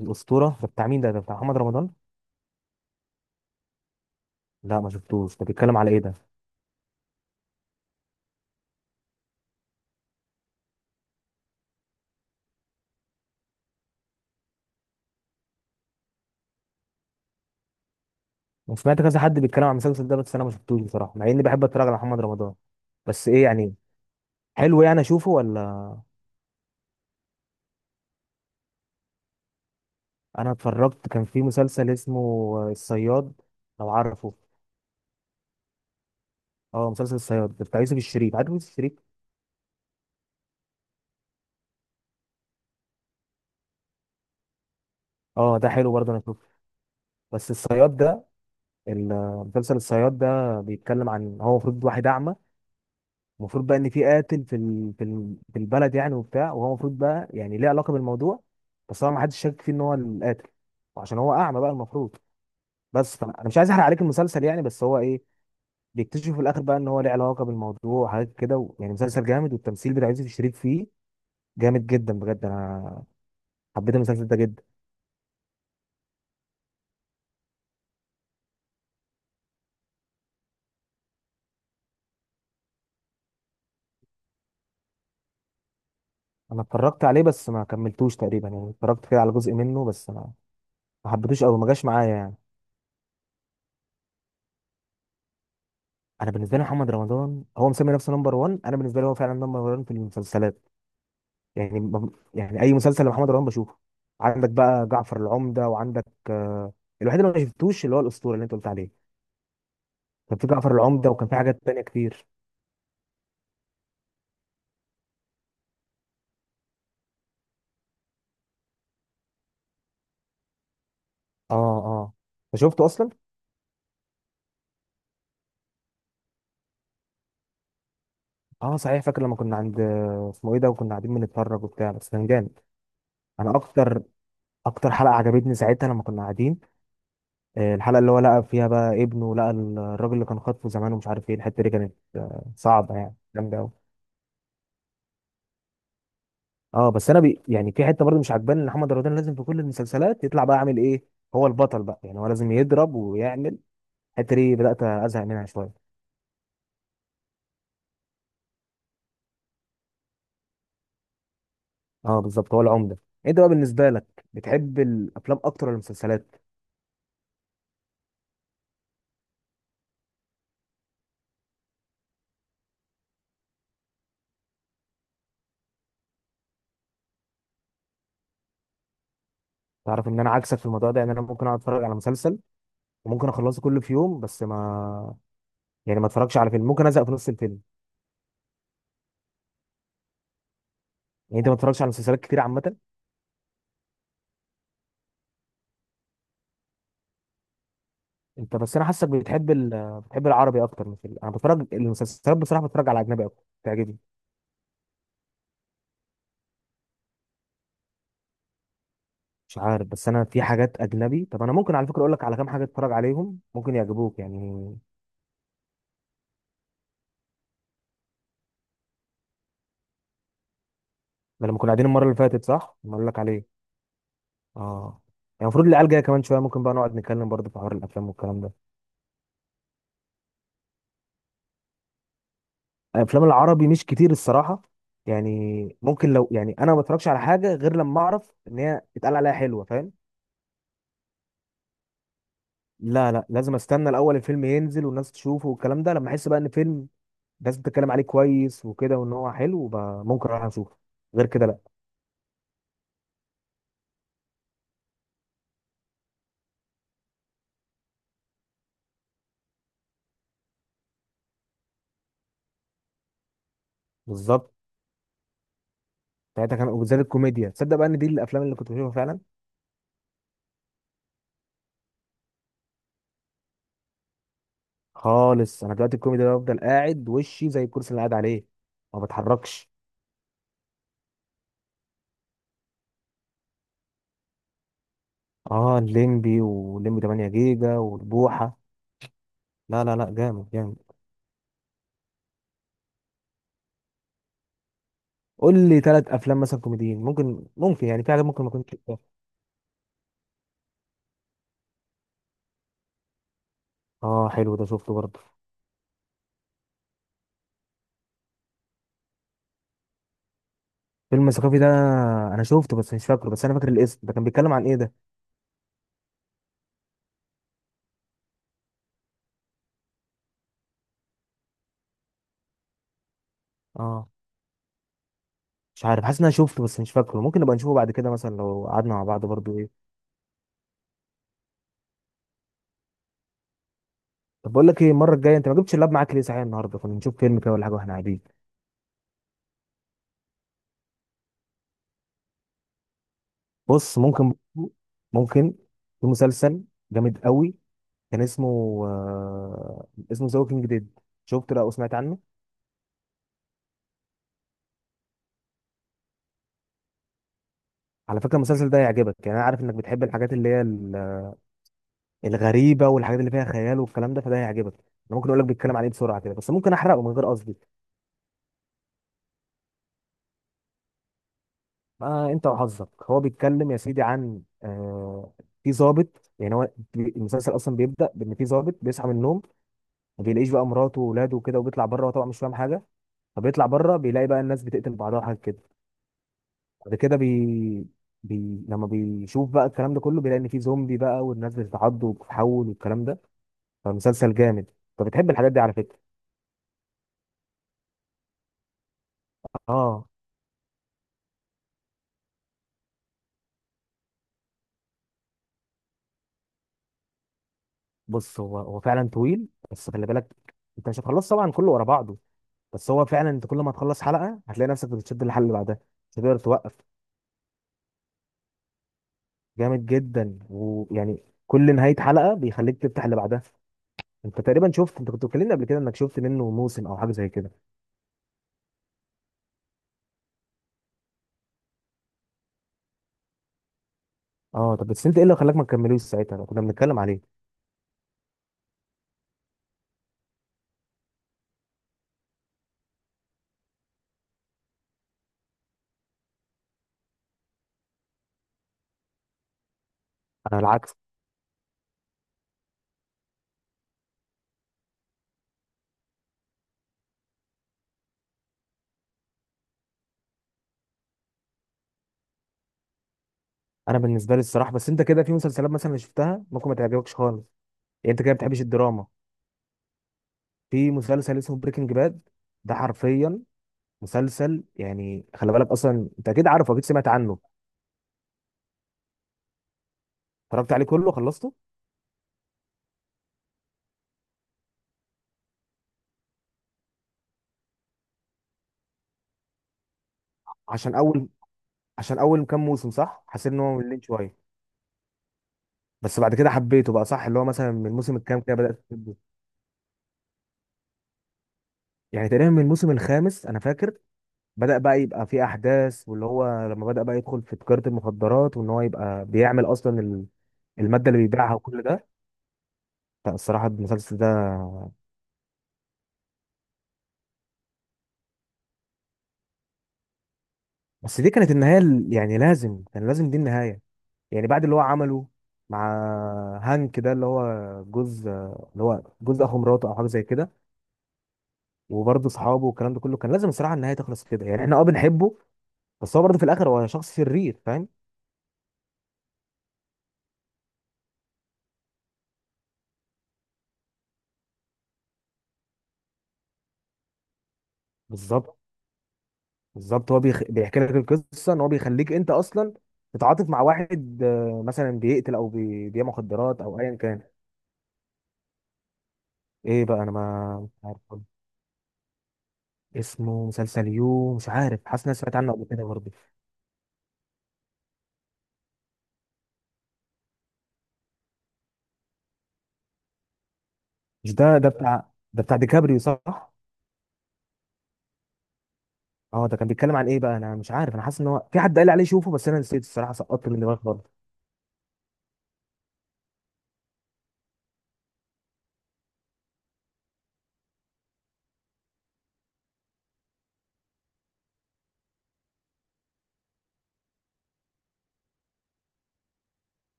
الأسطورة ده بتاع مين؟ ده بتاع محمد رمضان. لا ما شفتوش، ده بيتكلم على ايه ده؟ انا سمعت كذا حد بيتكلم عن المسلسل ده بس انا ما شفتوش بصراحة، مع اني بحب اتفرج على محمد رمضان. بس ايه يعني، حلو يعني اشوفه ولا؟ انا اتفرجت كان في مسلسل اسمه الصياد، لو عارفه. اه مسلسل الصياد ده بتاع يوسف الشريف، عارف يوسف الشريف؟ اه ده حلو برضه، انا شفته. بس الصياد ده، مسلسل الصياد ده بيتكلم عن هو المفروض واحد اعمى. المفروض بقى ان في قاتل في البلد يعني وبتاع، وهو المفروض بقى يعني ليه علاقه بالموضوع، بس هو ما حدش شاك فيه ان هو القاتل وعشان هو اعمى بقى المفروض. بس فانا أنا مش عايز احرق عليك المسلسل يعني، بس هو ايه، بيكتشفوا في الاخر بقى ان هو ليه علاقه بالموضوع وحاجات كده يعني مسلسل جامد، والتمثيل بتاع يوسف الشريف فيه جامد جدا بجد. انا حبيت المسلسل ده جدا. انا اتفرجت عليه بس ما كملتوش تقريبا، يعني اتفرجت كده على جزء منه بس ما حبيتوش قوي، ما جاش معايا يعني. انا بالنسبه لي محمد رمضان هو مسمي نفسه نمبر 1، انا بالنسبه لي هو فعلا نمبر 1 في المسلسلات. يعني يعني اي مسلسل لمحمد رمضان بشوفه. عندك بقى جعفر العمدة وعندك، الوحيد اللي ما شفتوش اللي هو الاسطورة اللي انت قلت عليه. كان في جعفر العمدة وكان في حاجات تانية كتير. اه اه، انت شفته اصلا؟ اه صحيح، فاكر لما كنا عند، اسمه ايه ده، وكنا قاعدين بنتفرج وبتاع، بس كان جامد. انا اكتر حلقة عجبتني ساعتها لما كنا قاعدين، الحلقة اللي هو لقى فيها بقى ابنه، لقى الراجل اللي كان خاطفه زمان، ومش عارف ايه الحتة دي، كانت صعبة يعني، جامدة أوي. اه بس يعني في حته برضه مش عجباني، ان محمد رمضان لازم في كل المسلسلات يطلع بقى عامل ايه، هو البطل بقى، يعني هو لازم يضرب ويعمل. الحته دي بدات ازهق منها شويه. اه بالظبط، هو العمده. انت بقى بالنسبه لك بتحب الافلام اكتر ولا المسلسلات؟ تعرف ان انا عكسك في الموضوع ده، يعني انا ممكن اقعد اتفرج على مسلسل وممكن اخلصه كله في يوم، بس ما، يعني ما اتفرجش على فيلم، ممكن ازهق في نص الفيلم. يعني انت ما بتتفرجش على مسلسلات كتير عامه؟ انت بس انا حاسك بتحب بتحب العربي اكتر من الفيلم، انا بتفرج المسلسلات بصراحه بتفرج على اجنبي اكتر تعجبني. مش عارف، بس انا في حاجات اجنبي. طب انا ممكن على فكره اقول لك على كام حاجه اتفرج عليهم، ممكن يعجبوك يعني. ده لما كنا قاعدين المره اللي فاتت، صح؟ ما اقول لك عليه. اه، يعني المفروض العيال جايه كمان شويه، ممكن بقى نقعد نتكلم برضه في حوار الافلام والكلام ده. الافلام العربي مش كتير الصراحه، يعني ممكن لو، يعني انا ما بتفرجش على حاجه غير لما اعرف ان هي اتقال عليها حلوه، فاهم؟ لا لا، لازم استنى الاول الفيلم ينزل والناس تشوفه والكلام ده، لما احس بقى ان فيلم الناس بتتكلم عليه كويس وكده، وان هو حلو بقى، ممكن اروح اشوفه، غير كده لا. بالظبط، ساعتها كان وبالذات الكوميديا، تصدق بقى ان دي الافلام اللي كنت بشوفها فعلا. خالص، انا دلوقتي الكوميديا ده بفضل قاعد وشي زي الكرسي اللي قاعد عليه، ما بتحركش. اه الليمبي والليمبي 8 جيجا والبوحه. لا لا لا، جامد جامد. قول لي ثلاث افلام مثلا كوميديين ممكن، ممكن يعني، في حاجات ممكن ما كنتش شفتها. اه حلو، ده شفته برضه. فيلم ثقافي ده، انا شفته بس مش فاكره، بس انا فاكر الاسم ده، كان بيتكلم عن ايه ده؟ اه مش عارف، حاسس ان انا شفته بس مش فاكره، ممكن نبقى نشوفه بعد كده مثلا لو قعدنا مع بعض برضه. طب بقول لك ايه، المره الجايه انت ما جبتش اللاب معاك ليه؟ صحيح النهارده كنا نشوف فيلم كده ولا حاجه واحنا قاعدين. بص ممكن، ممكن، في مسلسل جامد قوي، كان اسمه، اسمه ذا ووكينج ديد، شفت ده او سمعت عنه؟ على فكره المسلسل ده هيعجبك، يعني انا عارف انك بتحب الحاجات اللي هي الغريبه والحاجات اللي فيها خيال والكلام ده، فده هيعجبك. انا ممكن اقول لك بيتكلم عن ايه بسرعه كده، بس ممكن احرقه من غير قصدي. ما انت وحظك، هو بيتكلم يا سيدي عن، في ضابط، يعني هو المسلسل اصلا بيبدا بان في ضابط بيصحى من النوم، ما بيلاقيش بقى مراته واولاده وكده، وبيطلع بره طبعا مش فاهم حاجه، فبيطلع بره بيلاقي بقى الناس بتقتل بعضها وحاجات كده. بعد كده لما بيشوف بقى الكلام ده كله، بيلاقي ان في زومبي بقى، والناس بتتعض وبتتحول والكلام ده، فمسلسل جامد. انت بتحب الحاجات دي على فكره. اه بص، هو فعلا طويل، بس خلي بالك، انت مش هتخلص طبعا كله ورا بعضه، بس هو فعلا انت كل ما تخلص حلقه هتلاقي نفسك بتشد الحلقه اللي بعدها، مش هتقدر توقف. جامد جدا، ويعني كل نهايه حلقه بيخليك تفتح اللي بعدها. انت تقريبا شفت، انت كنت بتكلمني قبل كده انك شفت منه موسم او حاجه زي كده. اه طب بس انت ايه اللي خلاك ما تكملوش ساعتها، لو كنا بنتكلم عليه؟ انا العكس. انا بالنسبه لي الصراحه، بس انت كده في مسلسلات مثلا شفتها ممكن ما تعجبكش خالص، يعني انت كده ما بتحبش الدراما. في مسلسل اسمه بريكنج باد، ده حرفيا مسلسل يعني، خلي بالك اصلا، انت اكيد عارفه، اكيد سمعت عنه. اتفرجت عليه كله، خلصته. عشان اول عشان اول كام موسم، صح حسيت ان هو مملين شويه، بس بعد كده حبيته بقى، صح؟ اللي هو مثلا من الموسم الكام كده بدات تحبه. يعني تقريبا من الموسم الخامس انا فاكر بدأ بقى يبقى في أحداث، واللي هو لما بدأ بقى يدخل في تجارة المخدرات، وإن هو يبقى بيعمل أصلا المادة اللي بيبيعها وكل ده. لا الصراحة المسلسل ده، بس دي كانت النهاية يعني لازم كان لازم دي النهاية، يعني بعد اللي هو عمله مع هانك، ده اللي هو جوز، اللي هو جوز أخو مراته أو حاجة زي كده، وبرضه أصحابه والكلام ده كله، كان لازم الصراحة النهاية تخلص كده. يعني إحنا أه بنحبه، بس هو برضه في الآخر هو شخص شرير، فاهم؟ بالظبط، بالظبط. هو بيحكي لك القصه ان هو بيخليك انت اصلا تتعاطف مع واحد، مثلا بيقتل او بيبيع مخدرات او ايا كان. ايه بقى، انا ما مش عارف والله. اسمه مسلسل يو، مش عارف، حاسس إن انا سمعت عنه قبل كده برضه. مش ده بتاع، ده بتاع ديكابريو صح؟ اه ده كان بيتكلم عن ايه بقى، انا مش عارف، انا حاسس ان هو في حد قال لي عليه شوفه بس انا نسيت الصراحه، سقطت من دماغي خالص.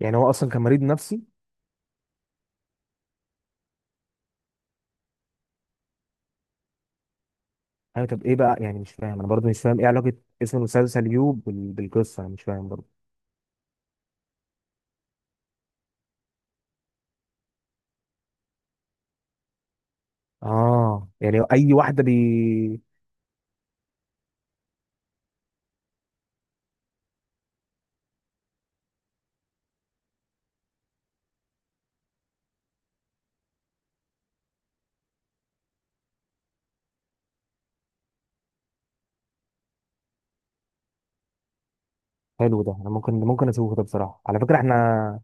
يعني هو اصلا كان مريض نفسي؟ ايوه طب ايه بقى، يعني مش فاهم، انا برضه مش فاهم ايه علاقه اسم المسلسل يو بالقصه، انا مش فاهم برضه. اه يعني اي واحده حلو، ده انا ممكن، ممكن اشوفه ده بصراحه. على فكره احنا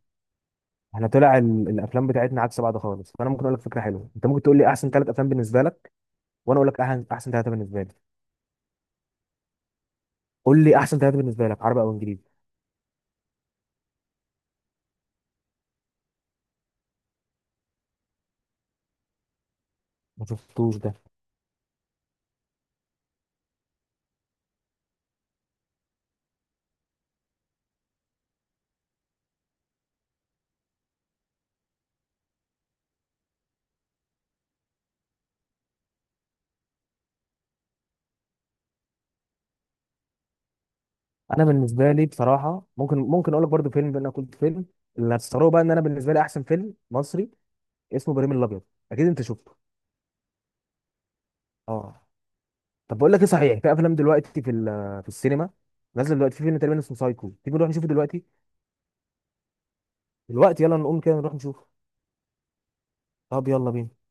احنا طلع الافلام بتاعتنا عكس بعض خالص، فانا ممكن اقول لك فكره حلوه، انت ممكن تقول لي احسن ثلاث افلام بالنسبه لك، وانا اقول لك احسن ثلاثه بالنسبه لي. قول لي احسن ثلاثه بالنسبه لك، عربي او انجليزي. ما شفتوش ده. انا بالنسبه لي بصراحه ممكن، ممكن اقول لك برضو فيلم، بان انا كنت فيلم، اللي هتستغربوا بقى ان انا بالنسبه لي احسن فيلم مصري اسمه ابراهيم الابيض، اكيد انت شفته. اه طب بقول لك ايه صحيح، في افلام دلوقتي في في السينما نازل دلوقتي، في فيلم تقريبا اسمه سايكو، تيجي نروح نشوفه دلوقتي؟ دلوقتي، يلا نقوم كده نروح نشوفه. طب يلا بينا.